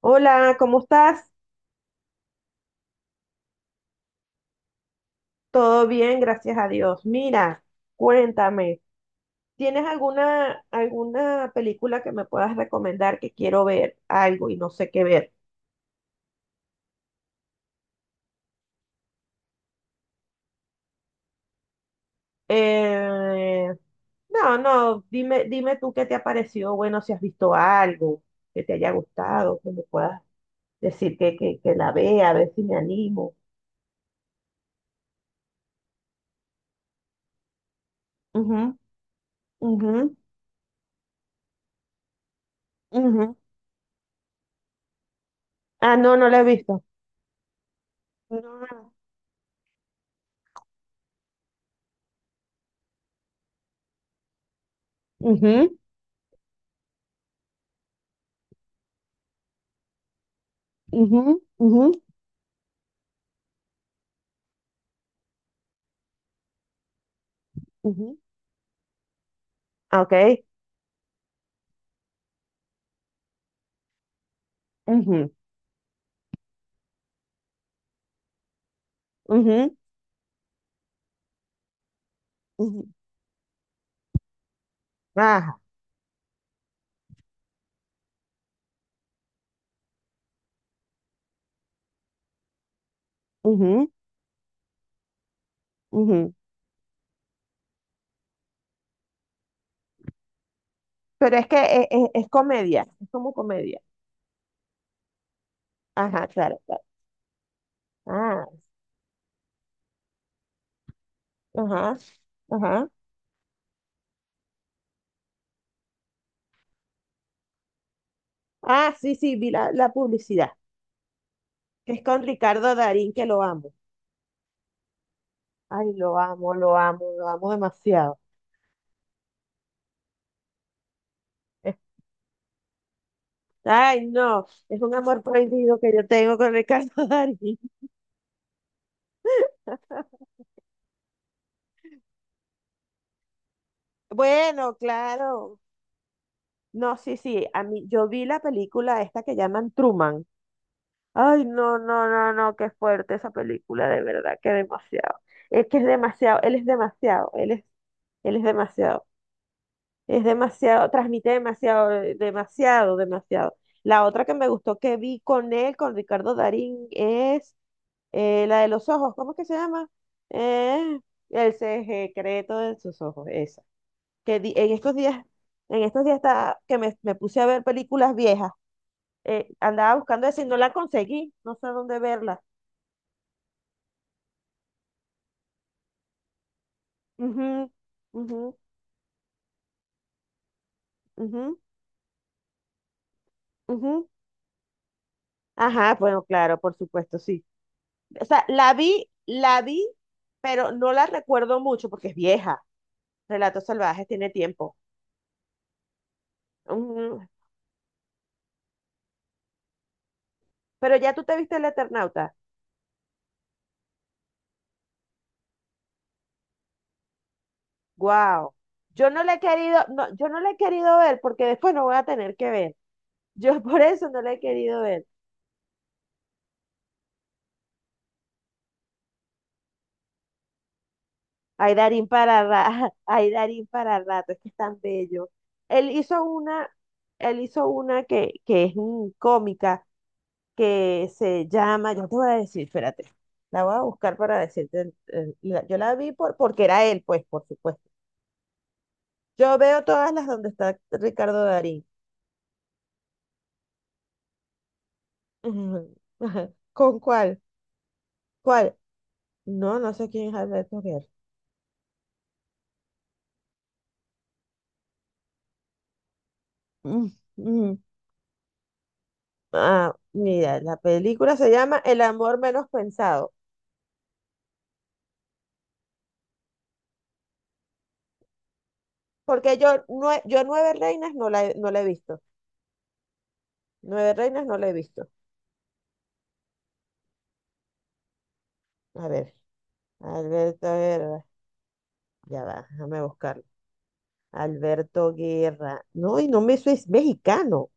Hola, ¿cómo estás? Todo bien, gracias a Dios. Mira, cuéntame, ¿tienes alguna película que me puedas recomendar que quiero ver algo y no sé qué ver? Eh, no, no, dime, dime tú qué te ha parecido, bueno, si has visto algo que te haya gustado, que me puedas decir que la vea, a ver si me animo. Ujú, ujú, ujú. Ah, no, no la he visto. No. Ujú, ujú, ujú, ujú. Ah, ok. Ujú. Ujú, ujú, ajá, ujú, ujú. Pero es que es comedia, es como comedia. Ajá, claro, claro. Ah, ajá, ajá. Ah, sí, sí, vi la publicidad, que es con Ricardo Darín, que lo amo. Ay, lo amo, lo amo, lo amo demasiado. Es- Ay, no, es un amor prohibido que yo tengo con Ricardo Darín. Bueno, claro. No, sí, sí, a mí, yo vi la película esta que llaman Truman. Ay, no, no, no, no, qué fuerte esa película, de verdad, que demasiado. Es que es demasiado, él es demasiado, él es demasiado, transmite demasiado, demasiado, demasiado. La otra que me gustó que vi con él, con Ricardo Darín, es la de los ojos, ¿cómo es que se llama? Eh, el secreto de sus ojos, esa. En estos días, en estos días está, me puse a ver películas viejas, andaba buscando esa y no la conseguí, no sé dónde verla. Ujú, ujú, ujú, ujú. Ajá, bueno, claro, por supuesto, sí. O sea, la vi, pero no la recuerdo mucho porque es vieja. Relatos Salvajes tiene tiempo. Ujú. Pero ya tú te viste El Eternauta. Wow. Yo no la he querido, no, yo no la he querido ver porque después no voy a tener que ver. Yo por eso no la he querido ver. Ay, Darín para rato, ay, Darín para rato, es que es tan bello. Él hizo una, él hizo una que es cómica, que se llama, yo te voy a decir, espérate, la voy a buscar para decirte, yo la vi porque era él, pues, por supuesto. Yo veo todas las donde está Ricardo Darín. Ujú, ajá. ¿Con cuál? ¿Cuál? No, no sé quién es Alberto Guerra. Mm, mm. Ah, mira, la película se llama El amor menos pensado, porque yo, yo Nueve Reinas no la he visto. Nueve Reinas no la he visto. A ver, Alberto Guerra, ya va, déjame buscarla. Alberto Guerra. No, y no me eso es mexicano.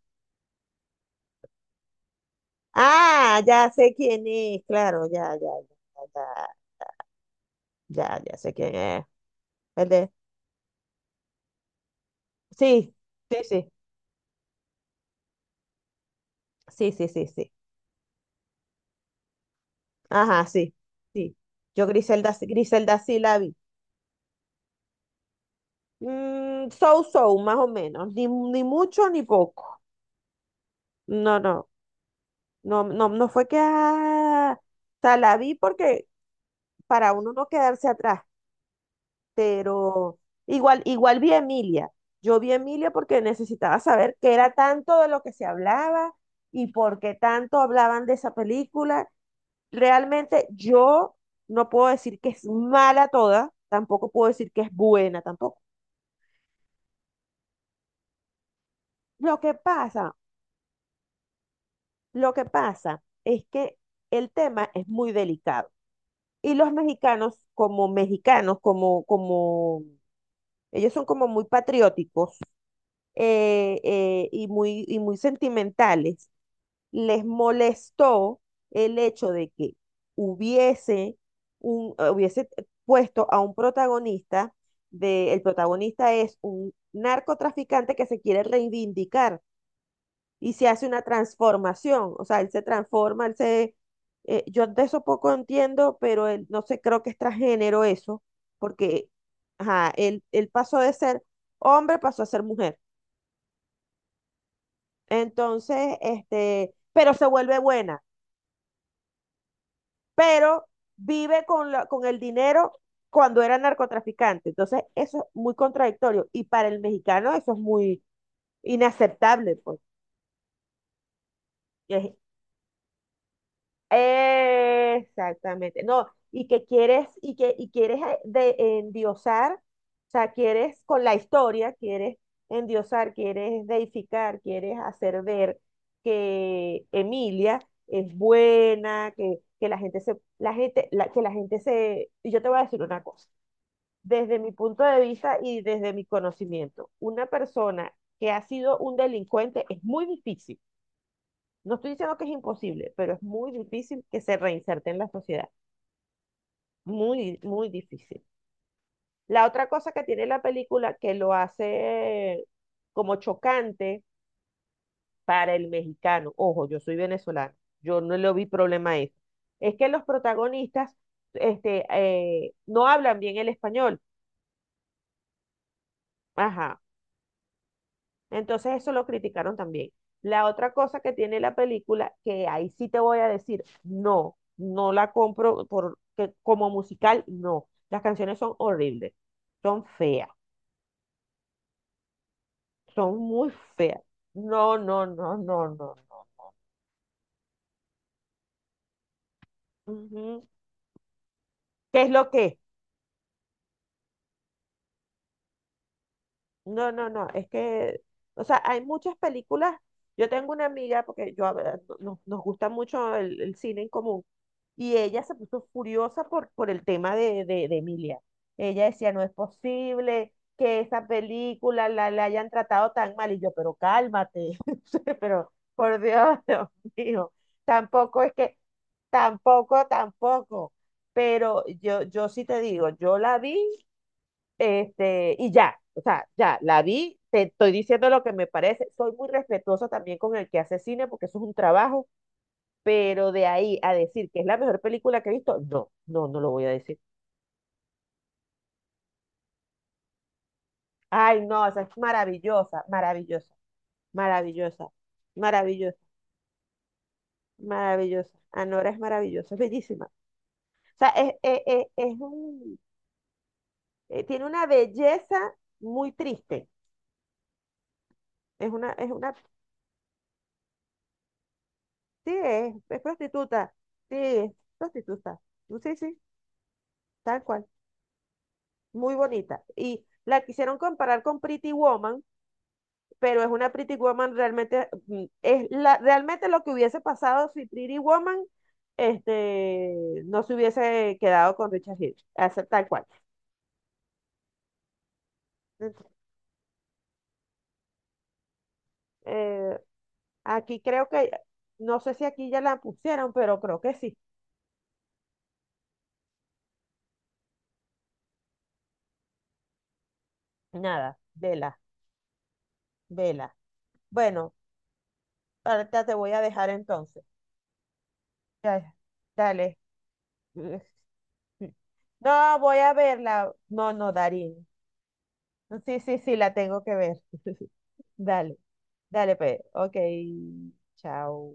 Ah, ya sé quién es, claro, ya, ya, ya, ya, ya, ya sé quién es. El de... Sí, sí, sí, sí, sí, sí, sí. Ajá, sí, sí. Yo Griselda, Griselda sí la vi. Mm, so, so, más o menos. Ni, ni mucho ni poco. No, no, no, no, no fue que... ah, o sea, la vi porque para uno no quedarse atrás. Pero igual, igual vi a Emilia. Yo vi a Emilia porque necesitaba saber qué era tanto de lo que se hablaba y por qué tanto hablaban de esa película. Realmente yo no puedo decir que es mala toda, tampoco puedo decir que es buena tampoco. Lo que pasa, lo que pasa es que el tema es muy delicado. Y los mexicanos, como mexicanos, ellos son como muy patrióticos, y muy sentimentales. Les molestó el hecho de que hubiese, hubiese puesto a un protagonista, de, el protagonista es un narcotraficante que se quiere reivindicar y se hace una transformación, o sea, él se transforma, él se... yo de eso poco entiendo, pero él, no sé, creo que es transgénero eso, porque ajá, él pasó de ser hombre, pasó a ser mujer. Entonces, este, pero se vuelve buena, pero vive con, con el dinero cuando era narcotraficante. Entonces, eso es muy contradictorio. Y para el mexicano eso es muy inaceptable, pues. Es Exactamente. No, y que quieres, y quieres, de endiosar, o sea, quieres con la historia, quieres endiosar, quieres deificar, quieres hacer ver que Emilia es buena, que la gente se, la gente, que la gente se, y yo te voy a decir una cosa, desde mi punto de vista y desde mi conocimiento, una persona que ha sido un delincuente es muy difícil, no estoy diciendo que es imposible, pero es muy difícil que se reinserte en la sociedad. Muy, muy difícil. La otra cosa que tiene la película, que lo hace como chocante para el mexicano, ojo, yo soy venezolano, yo no le vi problema a eso, es que los protagonistas no hablan bien el español. Ajá, entonces eso lo criticaron también. La otra cosa que tiene la película, que ahí sí te voy a decir, no, no la compro por que como musical, no. Las canciones son horribles, son feas, son muy feas. No, no, no, no, no, no. Ujú. ¿Qué es lo que es? No, no, no, es que, o sea, hay muchas películas. Yo tengo una amiga, porque yo a ver, nos gusta mucho el cine en común, y ella se puso furiosa por el tema de Emilia. Ella decía, no es posible que esa película la hayan tratado tan mal, y yo, pero cálmate, pero por Dios, Dios mío, tampoco es que, tampoco, tampoco, pero yo sí te digo, yo la vi, este, y ya, o sea, ya, la vi, te estoy diciendo lo que me parece, soy muy respetuosa también con el que hace cine porque eso es un trabajo, pero de ahí a decir que es la mejor película que he visto, no, no, no lo voy a decir. Ay, no, esa es maravillosa, maravillosa, maravillosa, maravillosa, maravillosa. Anora es maravillosa, es bellísima. O sea, es un, tiene una belleza muy triste. Es una, sí, es prostituta, sí, es prostituta. Sí, sí, tal cual, muy bonita. Y la quisieron comparar con Pretty Woman, pero es una Pretty Woman realmente, mm, es la, realmente lo que hubiese pasado si Pretty Woman este, no se hubiese quedado con Richard Hirsch, hace- tal cual. Ent- eh, aquí creo que, no sé si aquí ya la pusieron, pero creo que sí. Nada, vela, vela. Bueno, ahorita te voy a dejar entonces. Ya, dale. No, voy a verla. No, no, Darín. Sí, sí, sí, la tengo que ver. Dale, dale, pues. Ok, chao.